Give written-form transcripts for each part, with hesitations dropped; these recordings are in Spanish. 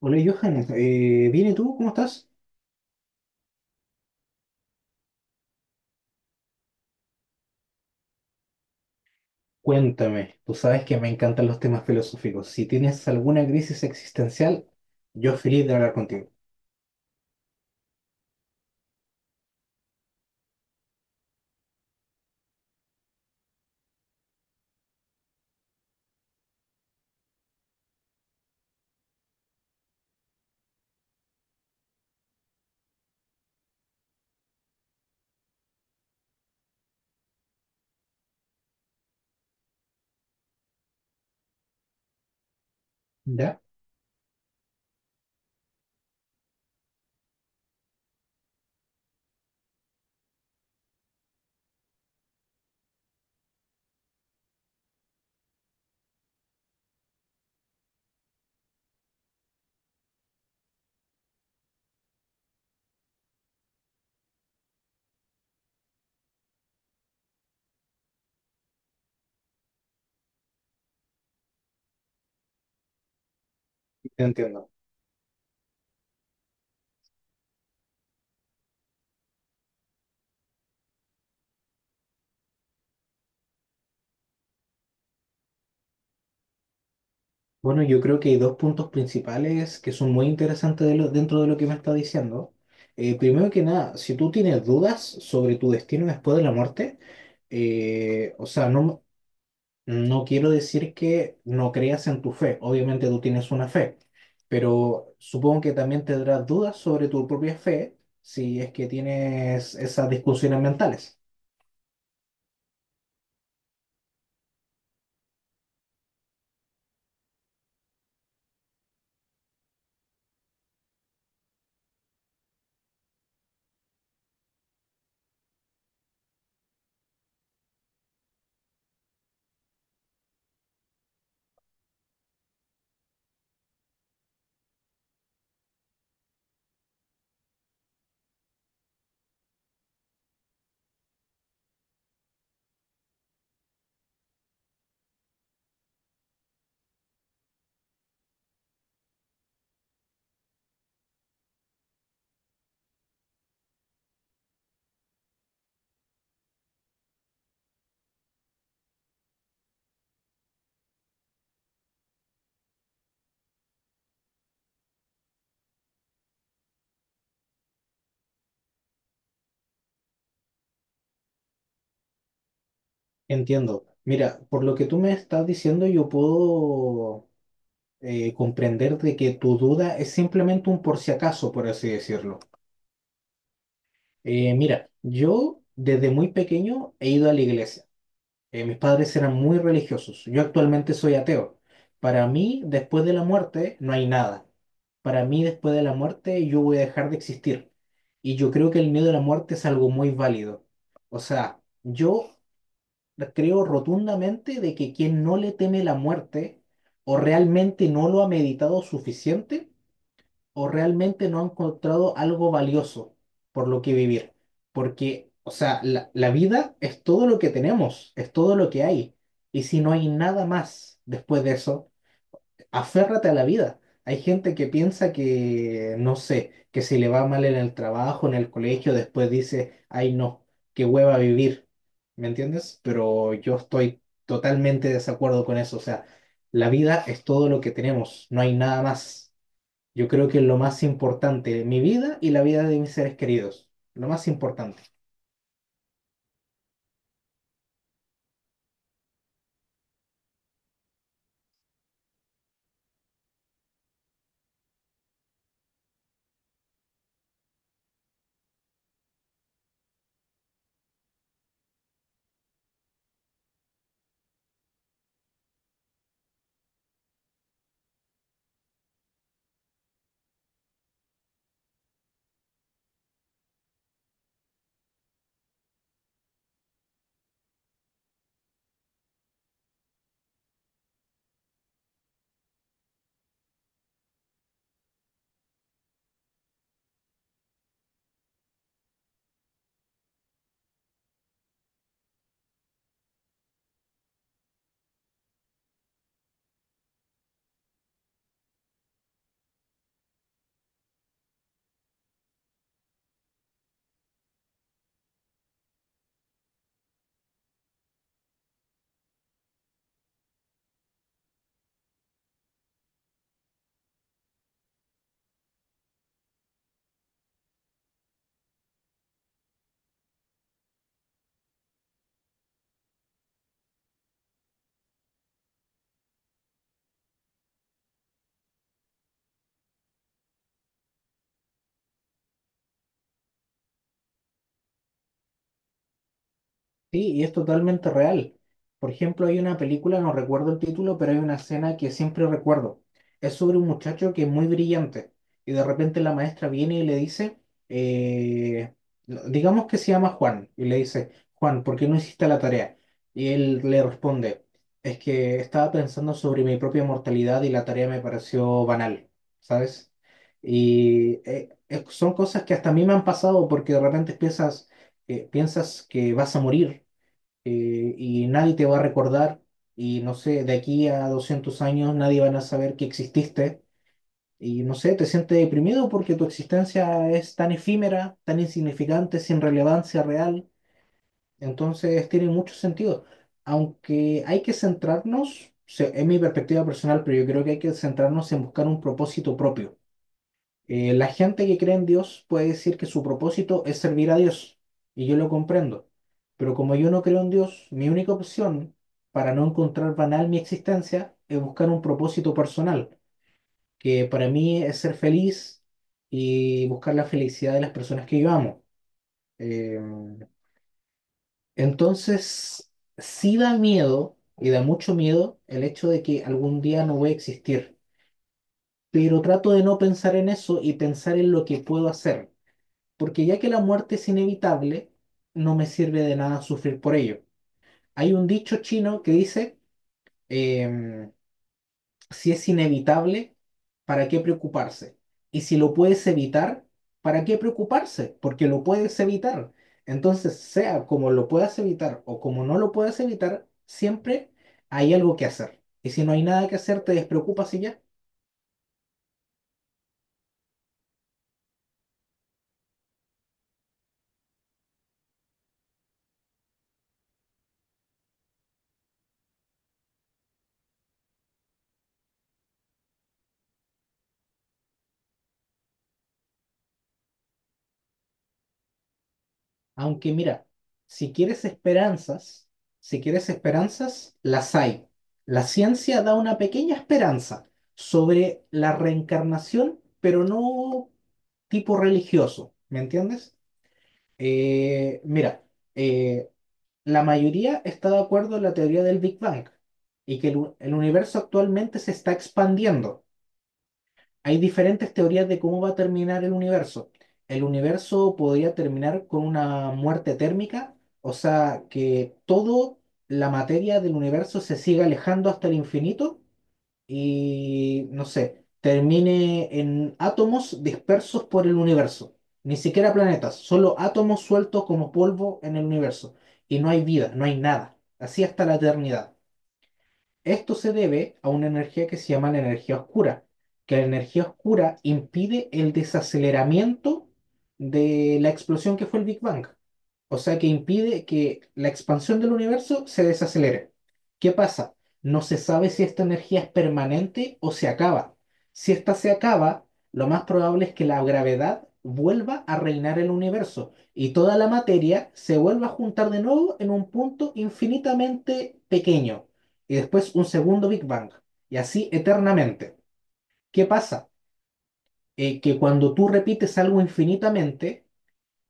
Hola Johan, ¿viene tú? ¿Cómo estás? Cuéntame, tú sabes que me encantan los temas filosóficos. Si tienes alguna crisis existencial, yo feliz de hablar contigo. ¿Ya? Te entiendo. Bueno, yo creo que hay dos puntos principales que son muy interesantes dentro de lo que me está diciendo. Primero que nada, si tú tienes dudas sobre tu destino después de la muerte, o sea, No quiero decir que no creas en tu fe, obviamente tú tienes una fe, pero supongo que también tendrás dudas sobre tu propia fe si es que tienes esas discusiones mentales. Entiendo. Mira, por lo que tú me estás diciendo, yo puedo comprender de que tu duda es simplemente un por si acaso, por así decirlo. Mira, yo desde muy pequeño he ido a la iglesia. Mis padres eran muy religiosos. Yo actualmente soy ateo. Para mí, después de la muerte, no hay nada. Para mí, después de la muerte, yo voy a dejar de existir. Y yo creo que el miedo a la muerte es algo muy válido. O sea, yo creo rotundamente de que quien no le teme la muerte o realmente no lo ha meditado suficiente, o realmente no han encontrado algo valioso por lo que vivir. Porque, o sea, la vida es todo lo que tenemos, es todo lo que hay. Y si no hay nada más después de eso, aférrate a la vida. Hay gente que piensa que, no sé, que si le va mal en el trabajo, en el colegio, después dice, ay no, qué hueva vivir. ¿Me entiendes? Pero yo estoy totalmente de desacuerdo con eso. O sea, la vida es todo lo que tenemos, no hay nada más. Yo creo que es lo más importante, mi vida y la vida de mis seres queridos, lo más importante. Sí, y es totalmente real. Por ejemplo, hay una película, no recuerdo el título, pero hay una escena que siempre recuerdo. Es sobre un muchacho que es muy brillante y de repente la maestra viene y le dice, eh, digamos que se llama Juan, y le dice, Juan, ¿por qué no hiciste la tarea? Y él le responde, es que estaba pensando sobre mi propia mortalidad y la tarea me pareció banal, ¿sabes? Y son cosas que hasta a mí me han pasado porque de repente piensas, piensas que vas a morir y nadie te va a recordar y no sé, de aquí a 200 años nadie van a saber que exististe y no sé, te sientes deprimido porque tu existencia es tan efímera, tan insignificante, sin relevancia real, entonces tiene mucho sentido. Aunque hay que centrarnos, o sea, es mi perspectiva personal, pero yo creo que hay que centrarnos en buscar un propósito propio. La gente que cree en Dios puede decir que su propósito es servir a Dios, y yo lo comprendo, pero como yo no creo en Dios, mi única opción para no encontrar banal mi existencia es buscar un propósito personal, que para mí es ser feliz y buscar la felicidad de las personas que yo amo. Eh, entonces, sí da miedo, y da mucho miedo, el hecho de que algún día no voy a existir, pero trato de no pensar en eso y pensar en lo que puedo hacer. Porque ya que la muerte es inevitable, no me sirve de nada sufrir por ello. Hay un dicho chino que dice, em, si es inevitable, ¿para qué preocuparse? Y si lo puedes evitar, ¿para qué preocuparse? Porque lo puedes evitar. Entonces, sea como lo puedas evitar o como no lo puedas evitar, siempre hay algo que hacer. Y si no hay nada que hacer, te despreocupas y ya. Aunque mira, si quieres esperanzas, si quieres esperanzas, las hay. La ciencia da una pequeña esperanza sobre la reencarnación, pero no tipo religioso, ¿me entiendes? Mira, eh, la mayoría está de acuerdo en la teoría del Big Bang y que el universo actualmente se está expandiendo. Hay diferentes teorías de cómo va a terminar el universo. El universo podría terminar con una muerte térmica, o sea, que toda la materia del universo se siga alejando hasta el infinito y, no sé, termine en átomos dispersos por el universo. Ni siquiera planetas, solo átomos sueltos como polvo en el universo. Y no hay vida, no hay nada. Así hasta la eternidad. Esto se debe a una energía que se llama la energía oscura, que la energía oscura impide el desaceleramiento de la explosión que fue el Big Bang. O sea que impide que la expansión del universo se desacelere. ¿Qué pasa? No se sabe si esta energía es permanente o se acaba. Si esta se acaba, lo más probable es que la gravedad vuelva a reinar el universo y toda la materia se vuelva a juntar de nuevo en un punto infinitamente pequeño y después un segundo Big Bang y así eternamente. ¿Qué pasa? Que cuando tú repites algo infinitamente,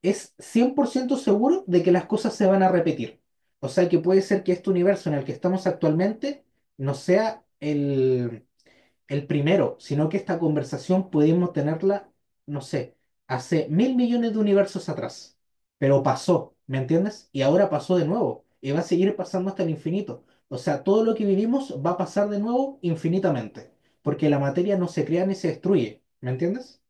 es 100% seguro de que las cosas se van a repetir. O sea que puede ser que este universo en el que estamos actualmente no sea el primero, sino que esta conversación pudimos tenerla, no sé, hace 1.000 millones de universos atrás. Pero pasó, ¿me entiendes? Y ahora pasó de nuevo y va a seguir pasando hasta el infinito. O sea, todo lo que vivimos va a pasar de nuevo infinitamente, porque la materia no se crea ni se destruye, ¿me entiendes?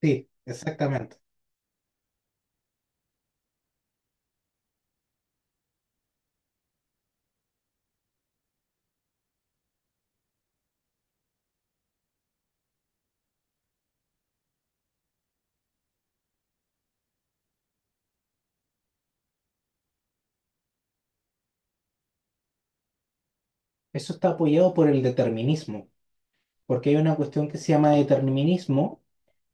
Sí, exactamente. Eso está apoyado por el determinismo, porque hay una cuestión que se llama determinismo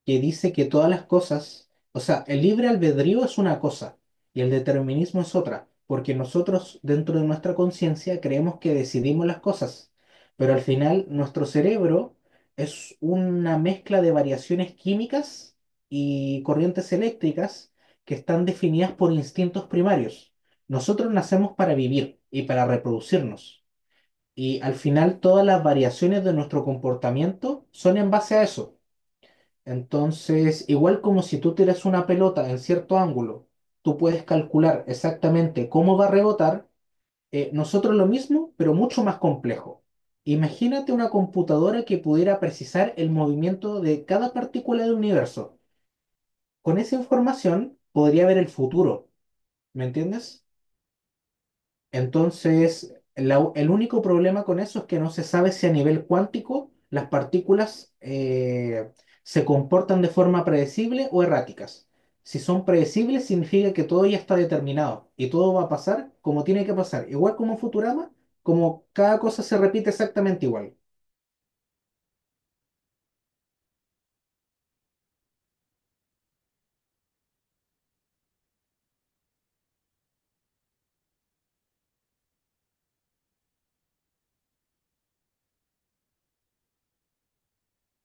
que dice que todas las cosas, o sea, el libre albedrío es una cosa y el determinismo es otra, porque nosotros dentro de nuestra conciencia creemos que decidimos las cosas, pero al final nuestro cerebro es una mezcla de variaciones químicas y corrientes eléctricas que están definidas por instintos primarios. Nosotros nacemos para vivir y para reproducirnos. Y al final todas las variaciones de nuestro comportamiento son en base a eso. Entonces, igual como si tú tiras una pelota en cierto ángulo, tú puedes calcular exactamente cómo va a rebotar, nosotros lo mismo, pero mucho más complejo. Imagínate una computadora que pudiera precisar el movimiento de cada partícula del universo. Con esa información podría ver el futuro, ¿me entiendes? Entonces, el único problema con eso es que no se sabe si a nivel cuántico las partículas se comportan de forma predecible o erráticas. Si son predecibles, significa que todo ya está determinado y todo va a pasar como tiene que pasar. Igual como en Futurama, como cada cosa se repite exactamente igual.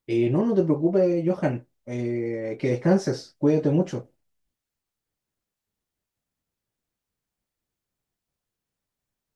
No, no te preocupes, Johan. Que descanses, cuídate mucho.